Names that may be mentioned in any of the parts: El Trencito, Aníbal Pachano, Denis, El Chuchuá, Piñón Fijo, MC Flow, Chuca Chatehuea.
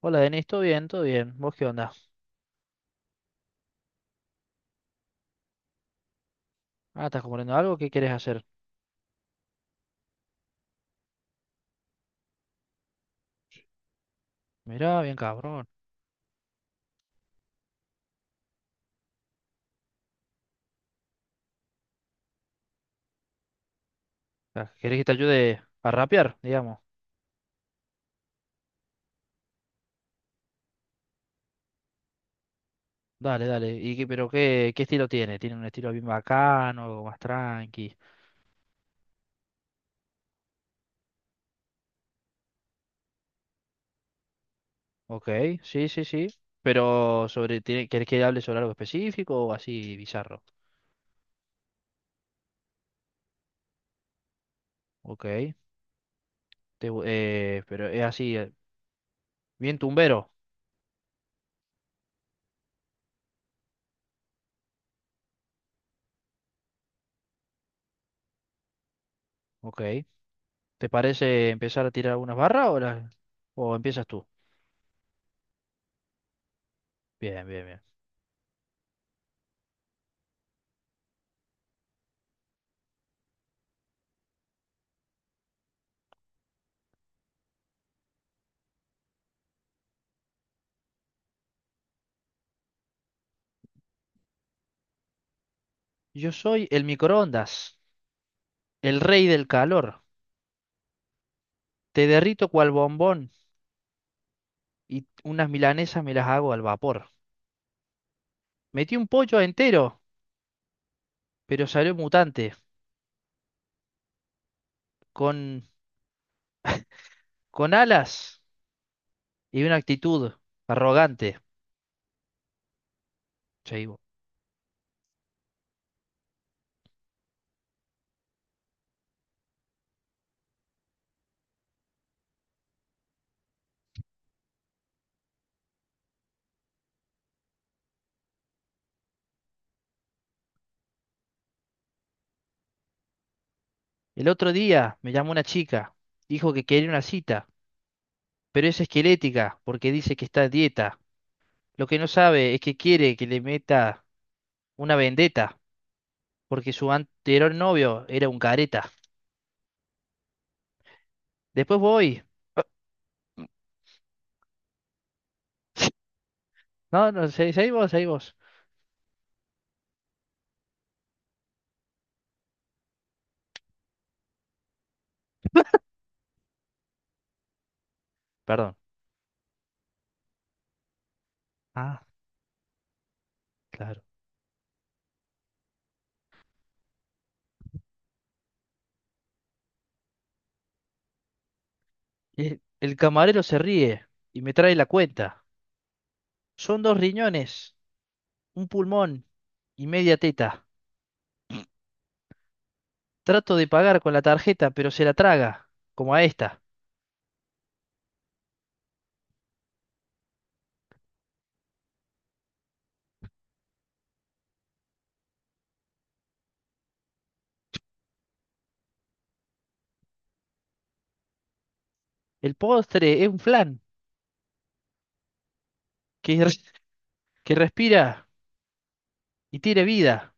Hola Denis, ¿todo bien? ¿Todo bien? ¿Vos qué onda? Ah, ¿estás componiendo algo? ¿Qué querés hacer? Mirá, bien cabrón. Ah, ¿querés que te ayude a rapear, digamos? Dale, dale. ¿Y qué, pero qué, qué estilo tiene? ¿Tiene un estilo bien bacano, algo más tranqui? Ok, sí, sí, sí. Pero sobre, tiene- ¿querés que hable sobre algo específico o así bizarro? Ok. Te gu- pero es así, bien tumbero. Ok. ¿Te parece empezar a tirar algunas barras o, las- o empiezas tú? Bien, bien, bien. Yo soy el microondas. El rey del calor. Te derrito cual bombón y unas milanesas me las hago al vapor. Metí un pollo entero, pero salió mutante, con, con alas y una actitud arrogante. Chaibo. El otro día me llamó una chica, dijo que quería una cita, pero es esquelética porque dice que está a dieta. Lo que no sabe es que quiere que le meta una vendetta, porque su anterior novio era un careta. Después voy. No, no, se- seguí vos, seguí vos. Perdón. Ah. Claro. El camarero se ríe y me trae la cuenta. Son dos riñones, un pulmón y media teta. Trato de pagar con la tarjeta, pero se la traga, como a esta. El postre es un flan que, res- que respira y tiene vida,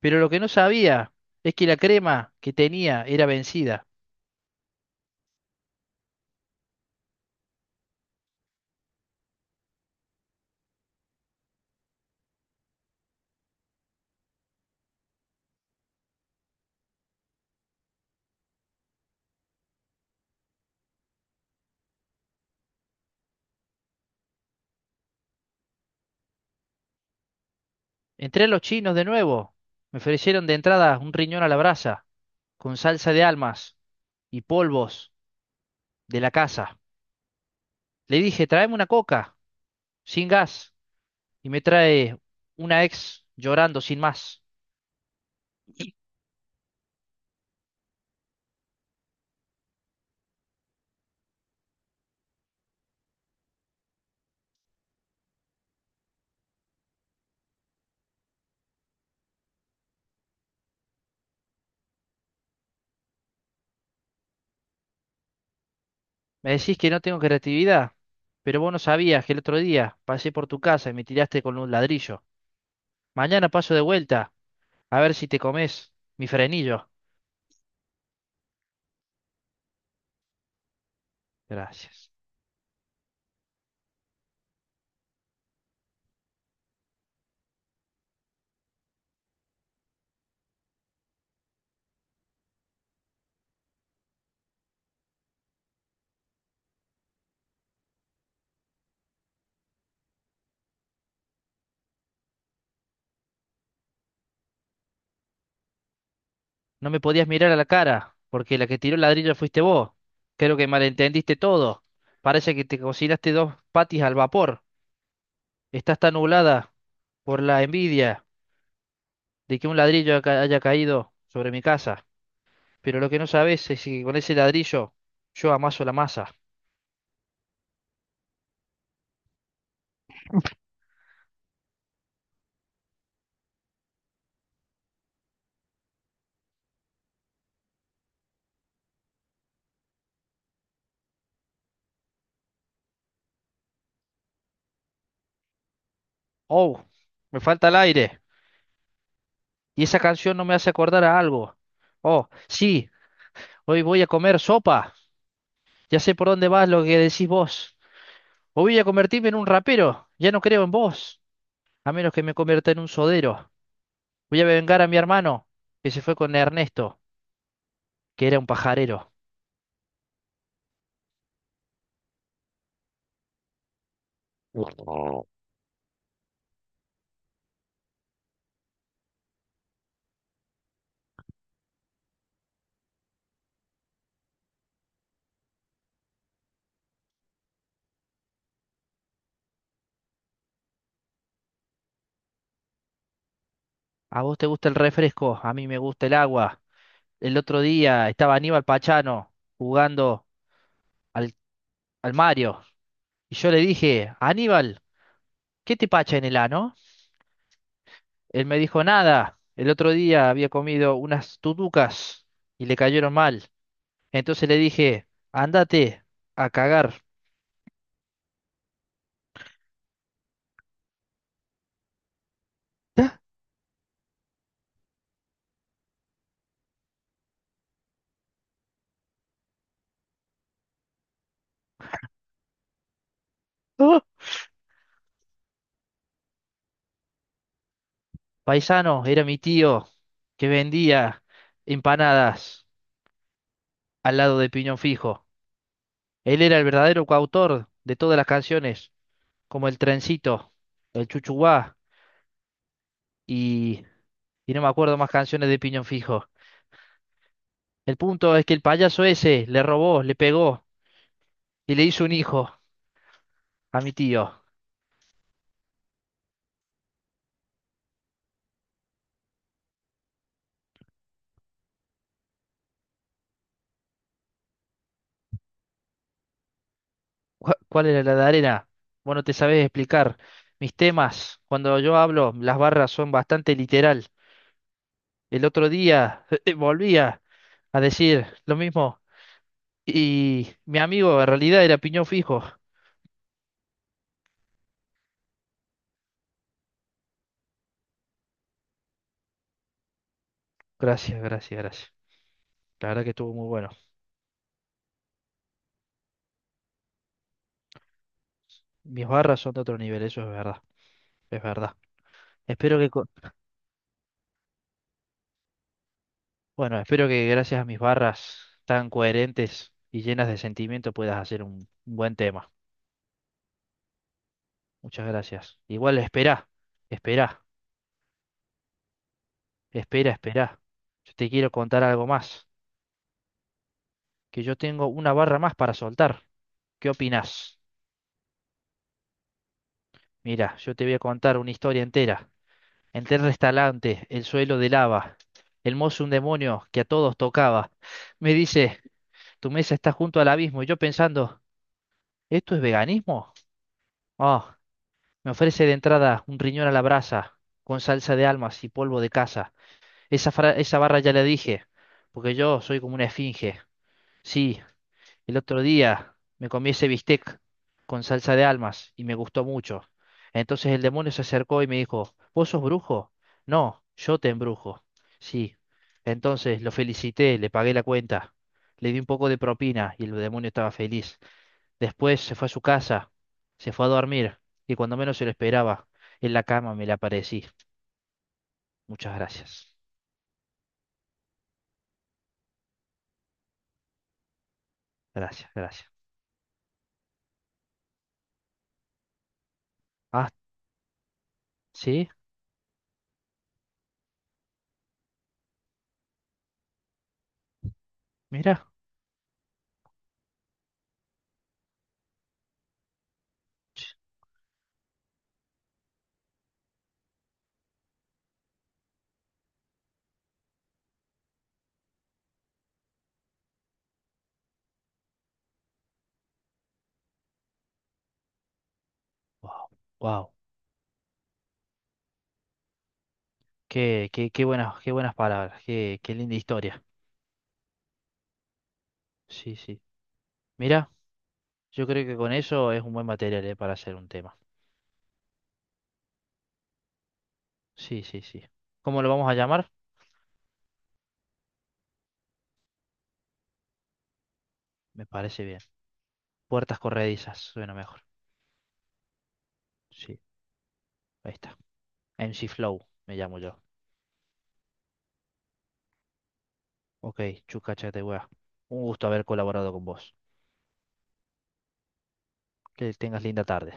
pero lo que no sabía es que la crema que tenía era vencida. Entré a los chinos de nuevo. Me ofrecieron de entrada un riñón a la brasa, con salsa de almas y polvos de la casa. Le dije, tráeme una coca, sin gas. Y me trae una ex llorando sin más. Me decís que no tengo creatividad, pero vos no sabías que el otro día pasé por tu casa y me tiraste con un ladrillo. Mañana paso de vuelta, a ver si te comes mi frenillo. Gracias. No me podías mirar a la cara, porque la que tiró el ladrillo fuiste vos. Creo que malentendiste todo. Parece que te cocinaste dos patis al vapor. Estás tan nublada por la envidia de que un ladrillo ca- haya caído sobre mi casa. Pero lo que no sabes es que con ese ladrillo yo amaso la masa. Oh, me falta el aire. Y esa canción no me hace acordar a algo. Oh, sí, hoy voy a comer sopa. Ya sé por dónde vas lo que decís vos. O voy a convertirme en un rapero. Ya no creo en vos. A menos que me convierta en un sodero. Voy a vengar a mi hermano, que se fue con Ernesto, que era un pajarero. A vos te gusta el refresco, a mí me gusta el agua. El otro día estaba Aníbal Pachano jugando al, al Mario. Y yo le dije, Aníbal, ¿qué te pacha en el ano? Él me dijo, nada. El otro día había comido unas tutucas y le cayeron mal. Entonces le dije, ándate a cagar. "Ah, paisano, era mi tío que vendía empanadas al lado de Piñón Fijo. Él era el verdadero coautor de todas las canciones, como El Trencito, El Chuchuá y, y no me acuerdo más canciones de Piñón Fijo. El punto es que el payaso ese le robó, le pegó y le hizo un hijo a mi tío. Cu- ¿Cuál era la de arena? Vos no te sabés explicar. Mis temas, cuando yo hablo, las barras son bastante literal. El otro día volvía a decir lo mismo y mi amigo en realidad era piñón fijo. Gracias, gracias, gracias. La verdad que estuvo muy bueno. Mis barras son de otro nivel, eso es verdad, es verdad. Espero que, co- bueno, espero que gracias a mis barras tan coherentes y llenas de sentimiento puedas hacer un buen tema. Muchas gracias. Igual esperá, esperá, espera, esperá. Yo te quiero contar algo más, que yo tengo una barra más para soltar. ¿Qué opinás? Mira, yo te voy a contar una historia entera. Entré al restaurante, el suelo de lava, el mozo un demonio que a todos tocaba. Me dice, tu mesa está junto al abismo, y yo pensando, ¿esto es veganismo? Ah, me ofrece de entrada un riñón a la brasa, con salsa de almas y polvo de casa. Esa, fra- esa barra ya la dije, porque yo soy como una esfinge. Sí, el otro día me comí ese bistec con salsa de almas y me gustó mucho. Entonces el demonio se acercó y me dijo, ¿vos sos brujo? No, yo te embrujo. Sí. Entonces lo felicité, le pagué la cuenta, le di un poco de propina y el demonio estaba feliz. Después se fue a su casa, se fue a dormir y cuando menos se lo esperaba, en la cama me le aparecí. Muchas gracias. Gracias, gracias. Ah, sí, mira. Wow, qué, qué, qué buenas palabras, qué, qué linda historia. Sí, sí. Mira, yo creo que con eso es un buen material, para hacer un tema. Sí, sí, sí. ¿Cómo lo vamos a llamar? Me parece bien. Puertas corredizas, suena mejor. Sí, ahí está. MC Flow, me llamo yo. Ok, Chuca Chatehuea. Un gusto haber colaborado con vos. Que tengas linda tarde.